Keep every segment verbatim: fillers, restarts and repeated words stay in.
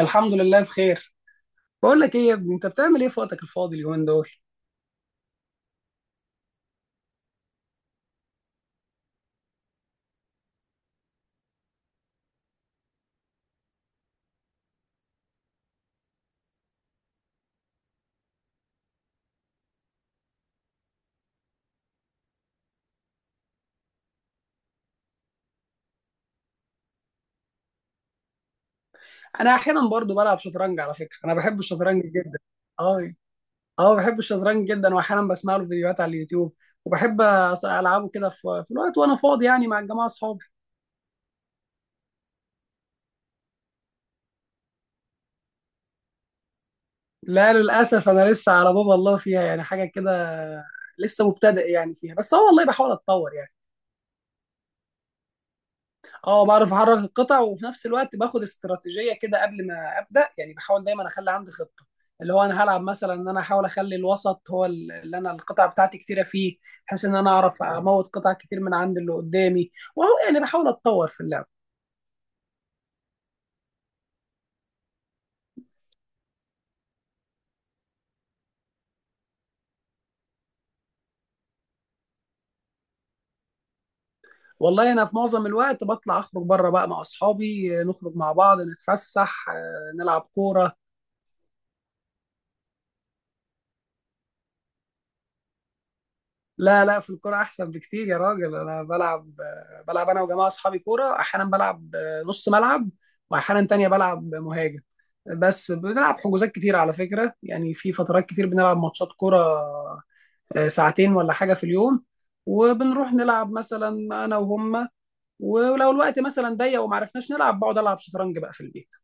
الحمد لله بخير. بقول لك ايه يا ابني، انت بتعمل ايه في وقتك الفاضي اليومين دول؟ انا احيانا برضو بلعب شطرنج على فكره، انا بحب الشطرنج جدا. اه. اه، بحب الشطرنج جدا واحيانا بسمع له فيديوهات على اليوتيوب وبحب أط- العبه كده في في الوقت وانا فاضي يعني مع الجماعه اصحابي. لا للاسف، انا لسه على باب الله فيها يعني حاجه كده، لسه مبتدئ يعني فيها، بس اه والله بحاول اتطور يعني. اه بعرف احرك القطع، وفي نفس الوقت باخد استراتيجيه كده قبل ما ابدا، يعني بحاول دايما اخلي عندي خطه اللي هو انا هلعب مثلا ان انا احاول اخلي الوسط هو ال- اللي انا القطع بتاعتي كتيره فيه، بحيث ان انا اعرف اموت قطع كتير من عند اللي قدامي. وهو يعني بحاول اتطور في اللعب. والله انا في معظم الوقت بطلع اخرج بره بقى مع اصحابي، آه، نخرج مع بعض نتفسح، آه، نلعب كوره. لا لا، في الكوره احسن بكتير يا راجل، انا بلعب بلعب انا وجماعه اصحابي كوره، احيانا بلعب نص ملعب، واحيانا تانية بلعب مهاجم. بس بنلعب حجوزات كتير على فكره، يعني في فترات كتير بنلعب ماتشات كوره، آه، ساعتين ولا حاجه في اليوم. وبنروح نلعب مثلا انا وهم، ولو الوقت مثلا ضيق وما عرفناش نلعب بقعد العب شطرنج بقى في البيت.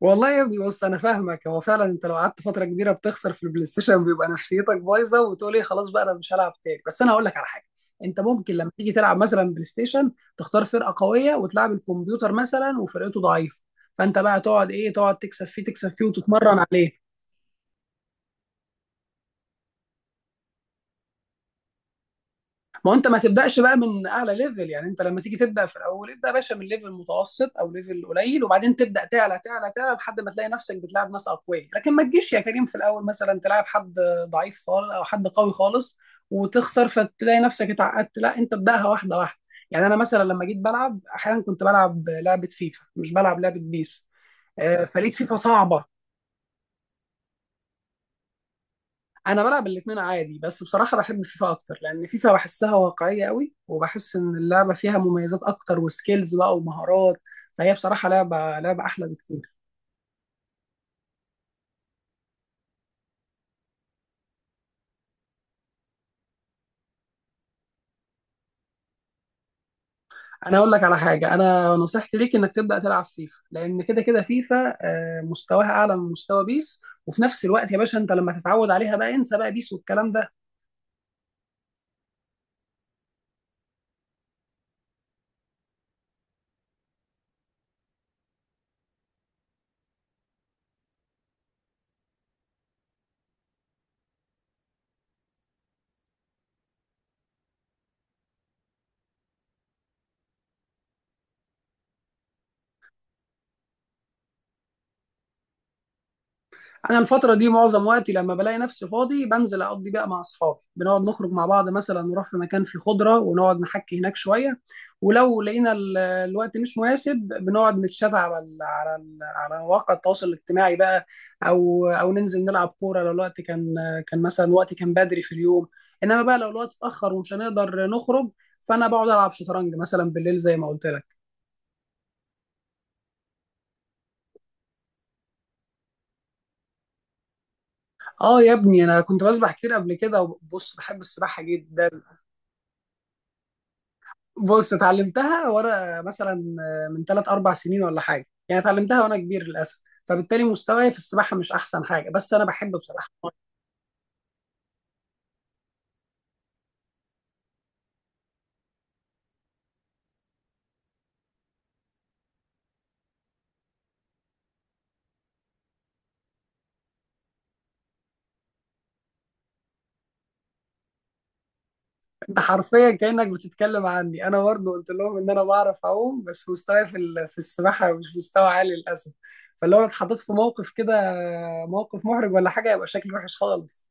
والله يا ابني بص، انا فاهمك، هو فعلا انت لو قعدت فتره كبيره بتخسر في البلاي ستيشن بيبقى نفسيتك بايظه، وبتقول ايه خلاص بقى انا مش هلعب تاني، بس انا هقول لك على حاجه. انت ممكن لما تيجي تلعب مثلا بلاي ستيشن تختار فرقه قويه وتلعب الكمبيوتر مثلا وفرقته ضعيفه، فانت بقى تقعد ايه، تقعد تكسب فيه تكسب فيه وتتمرن عليه. ما هو انت ما تبداش بقى من اعلى ليفل، يعني انت لما تيجي تبدا في الاول ابدا يا باشا من ليفل متوسط او ليفل قليل، وبعدين تبدا تعلى تعلى تعلى لحد ما تلاقي نفسك بتلعب ناس اقوياء. لكن ما تجيش يا كريم في الاول مثلا تلعب حد ضعيف خالص او حد قوي خالص وتخسر، فتلاقي نفسك اتعقدت، لا انت ابداها واحده واحده. يعني انا مثلا لما جيت بلعب، احيانا كنت بلعب لعبه فيفا مش بلعب لعبه بيس، آه، فلقيت فيفا صعبه. انا بلعب الاثنين عادي، بس بصراحه بحب فيفا اكتر، لان فيفا بحسها واقعيه قوي، وبحس ان اللعبه فيها مميزات اكتر وسكيلز بقى ومهارات، فهي بصراحه لعبه لعبه احلى بكتير. انا اقول لك على حاجه، انا نصيحتي ليك انك تبدا تلعب فيفا، لان كده كده فيفا آه، مستواها اعلى من مستوى بيس، وفي نفس الوقت يا باشا انت لما تتعود عليها بقى انسى بقى بيس والكلام ده. انا الفتره دي معظم وقتي لما بلاقي نفسي فاضي بنزل اقضي بقى مع اصحابي، بنقعد نخرج مع بعض، مثلا نروح في مكان فيه خضره ونقعد نحكي هناك شويه. ولو لقينا ال- الوقت مش مناسب بنقعد نتشات على ال على ال على مواقع التواصل الاجتماعي بقى، او او ننزل نلعب كوره لو الوقت كان كان مثلا وقت كان بدري في اليوم. انما بقى لو الوقت اتاخر ومش هنقدر نخرج، فانا بقعد العب شطرنج مثلا بالليل زي ما قلت لك. اه يا ابني، انا كنت بسبح كتير قبل كده، وبص بحب السباحه جدا. بص، اتعلمتها وانا مثلا آه، من ثلاث اربع سنين ولا حاجه يعني، اتعلمتها وانا كبير للاسف، فبالتالي مستواي في السباحه مش احسن حاجه، بس انا بحب بصراحه. انت حرفيا كانك بتتكلم عني، انا برضه قلت لهم ان انا بعرف اعوم، بس مستواي في ال- في السباحه مش مستوى عالي للاسف، فلو انا اتحطيت في موقف كده، موقف محرج ولا حاجه، يبقى شكلي وحش خالص.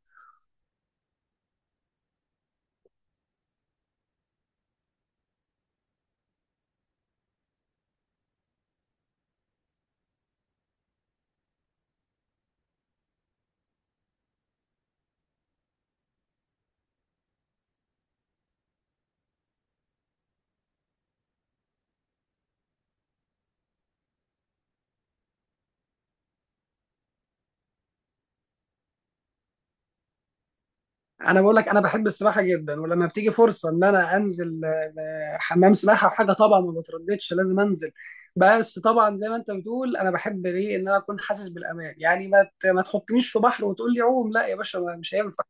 انا بقول لك، انا بحب السباحه جدا، ولما بتيجي فرصه ان انا انزل آه، حمام سباحه وحاجه طبعا ما بترددش، لازم انزل. بس طبعا زي ما انت بتقول، انا بحب ليه ان انا اكون حاسس بالامان، يعني ما ت- ما تحطنيش في بحر وتقول لي عوم، لا يا باشا، ما- مش هينفع.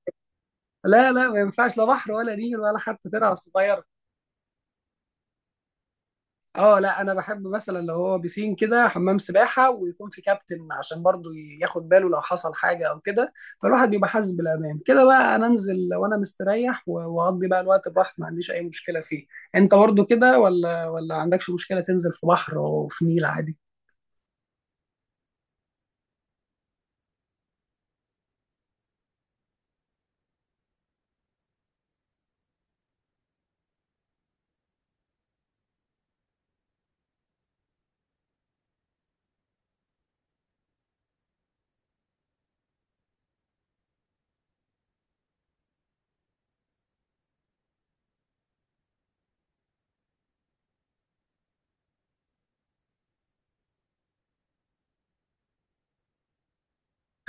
لا لا، ما ينفعش، لا بحر ولا نيل ولا حتى ترعه صغيره. اه لا، انا بحب مثلا لو هو بيسين كده، حمام سباحه ويكون في كابتن عشان برضو ياخد باله لو حصل حاجه او كده، فالواحد بيبقى حاسس بالامان كده، بقى انا انزل وانا مستريح و- واقضي بقى الوقت براحتي، ما عنديش اي مشكله فيه. انت برضو كده، ولا ولا عندكش مشكله تنزل في بحر وفي نيل عادي؟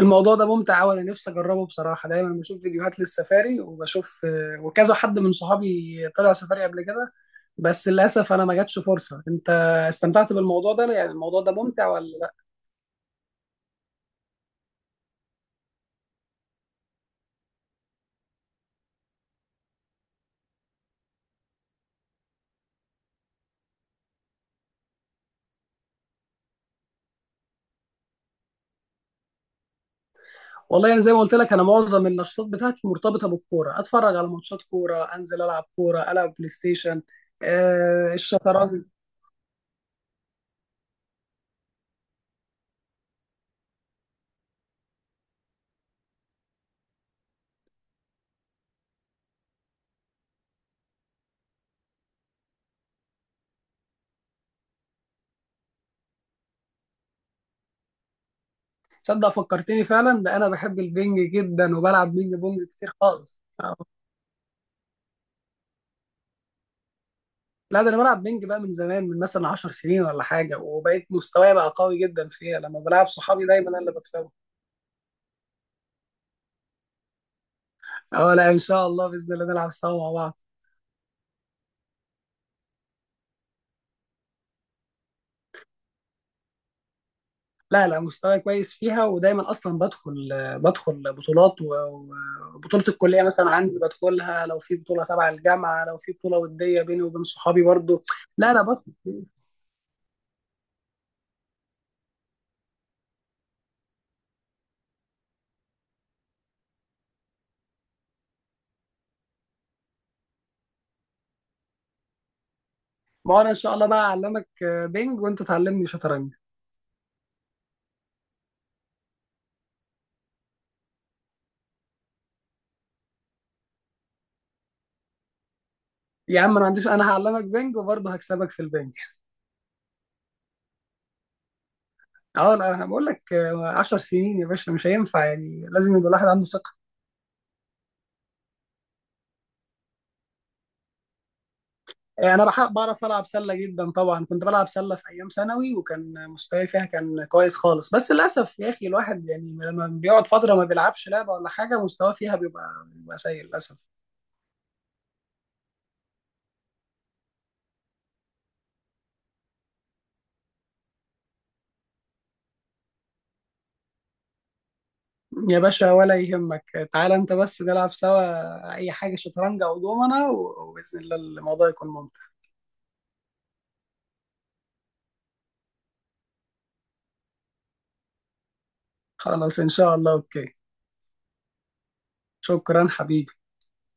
الموضوع ده ممتع قوي، انا نفسي اجربه بصراحه، دايما بشوف فيديوهات للسفاري وبشوف، آه، وكذا حد من صحابي طلع سفاري قبل كده، بس للاسف انا ما جاتش فرصه. انت استمتعت بالموضوع ده؟ يعني الموضوع ده ممتع ولا؟ والله يعني زي ما قلت لك، انا معظم النشاطات بتاعتي مرتبطه بالكوره، اتفرج على ماتشات كوره، انزل العب كوره، العب بلاي ستيشن، آه الشطرنج. تصدق، فكرتني فعلا، ده انا بحب البنج جدا وبلعب بينج بونج كتير خالص آه. لا، ده انا بلعب بينج بقى من زمان، من مثلا عشر سنين ولا حاجه، وبقيت مستواي بقى قوي جدا فيها، لما بلعب صحابي دايما انا اللي بكسبهم. اه لا ان شاء الله، باذن الله نلعب سوا مع بعض. لا لا، مستواي كويس فيها ودايما اصلا بدخل بدخل بطولات و- وبطوله الكليه مثلا عندي بدخلها، لو في بطوله تبع الجامعه، لو في بطوله وديه بيني وبين صحابي برضو. لا لا بدخل. ما هو انا ان شاء الله بقى اعلمك بينج وانت تعلمني شطرنج. يا عم انا ما عنديش، انا هعلمك بينج وبرضه هكسبك في البينج. اه لا، بقول لك، عشر سنين يا باشا مش هينفع، يعني لازم يبقى الواحد عنده. إيه، انا بحب بعرف العب سله جدا، طبعا كنت بلعب سله في ايام ثانوي وكان مستواي فيها كان كويس خالص، بس للاسف يا اخي، الواحد يعني لما بيقعد فتره ما بيلعبش لعبه ولا حاجه مستواه فيها بيبقى بيبقى سيء للاسف. يا باشا ولا يهمك، تعالى انت بس نلعب سوا اي حاجه، شطرنج او دومنه، و- وباذن الله الموضوع يكون ممتع. خلاص ان شاء الله، اوكي. شكرا حبيبي.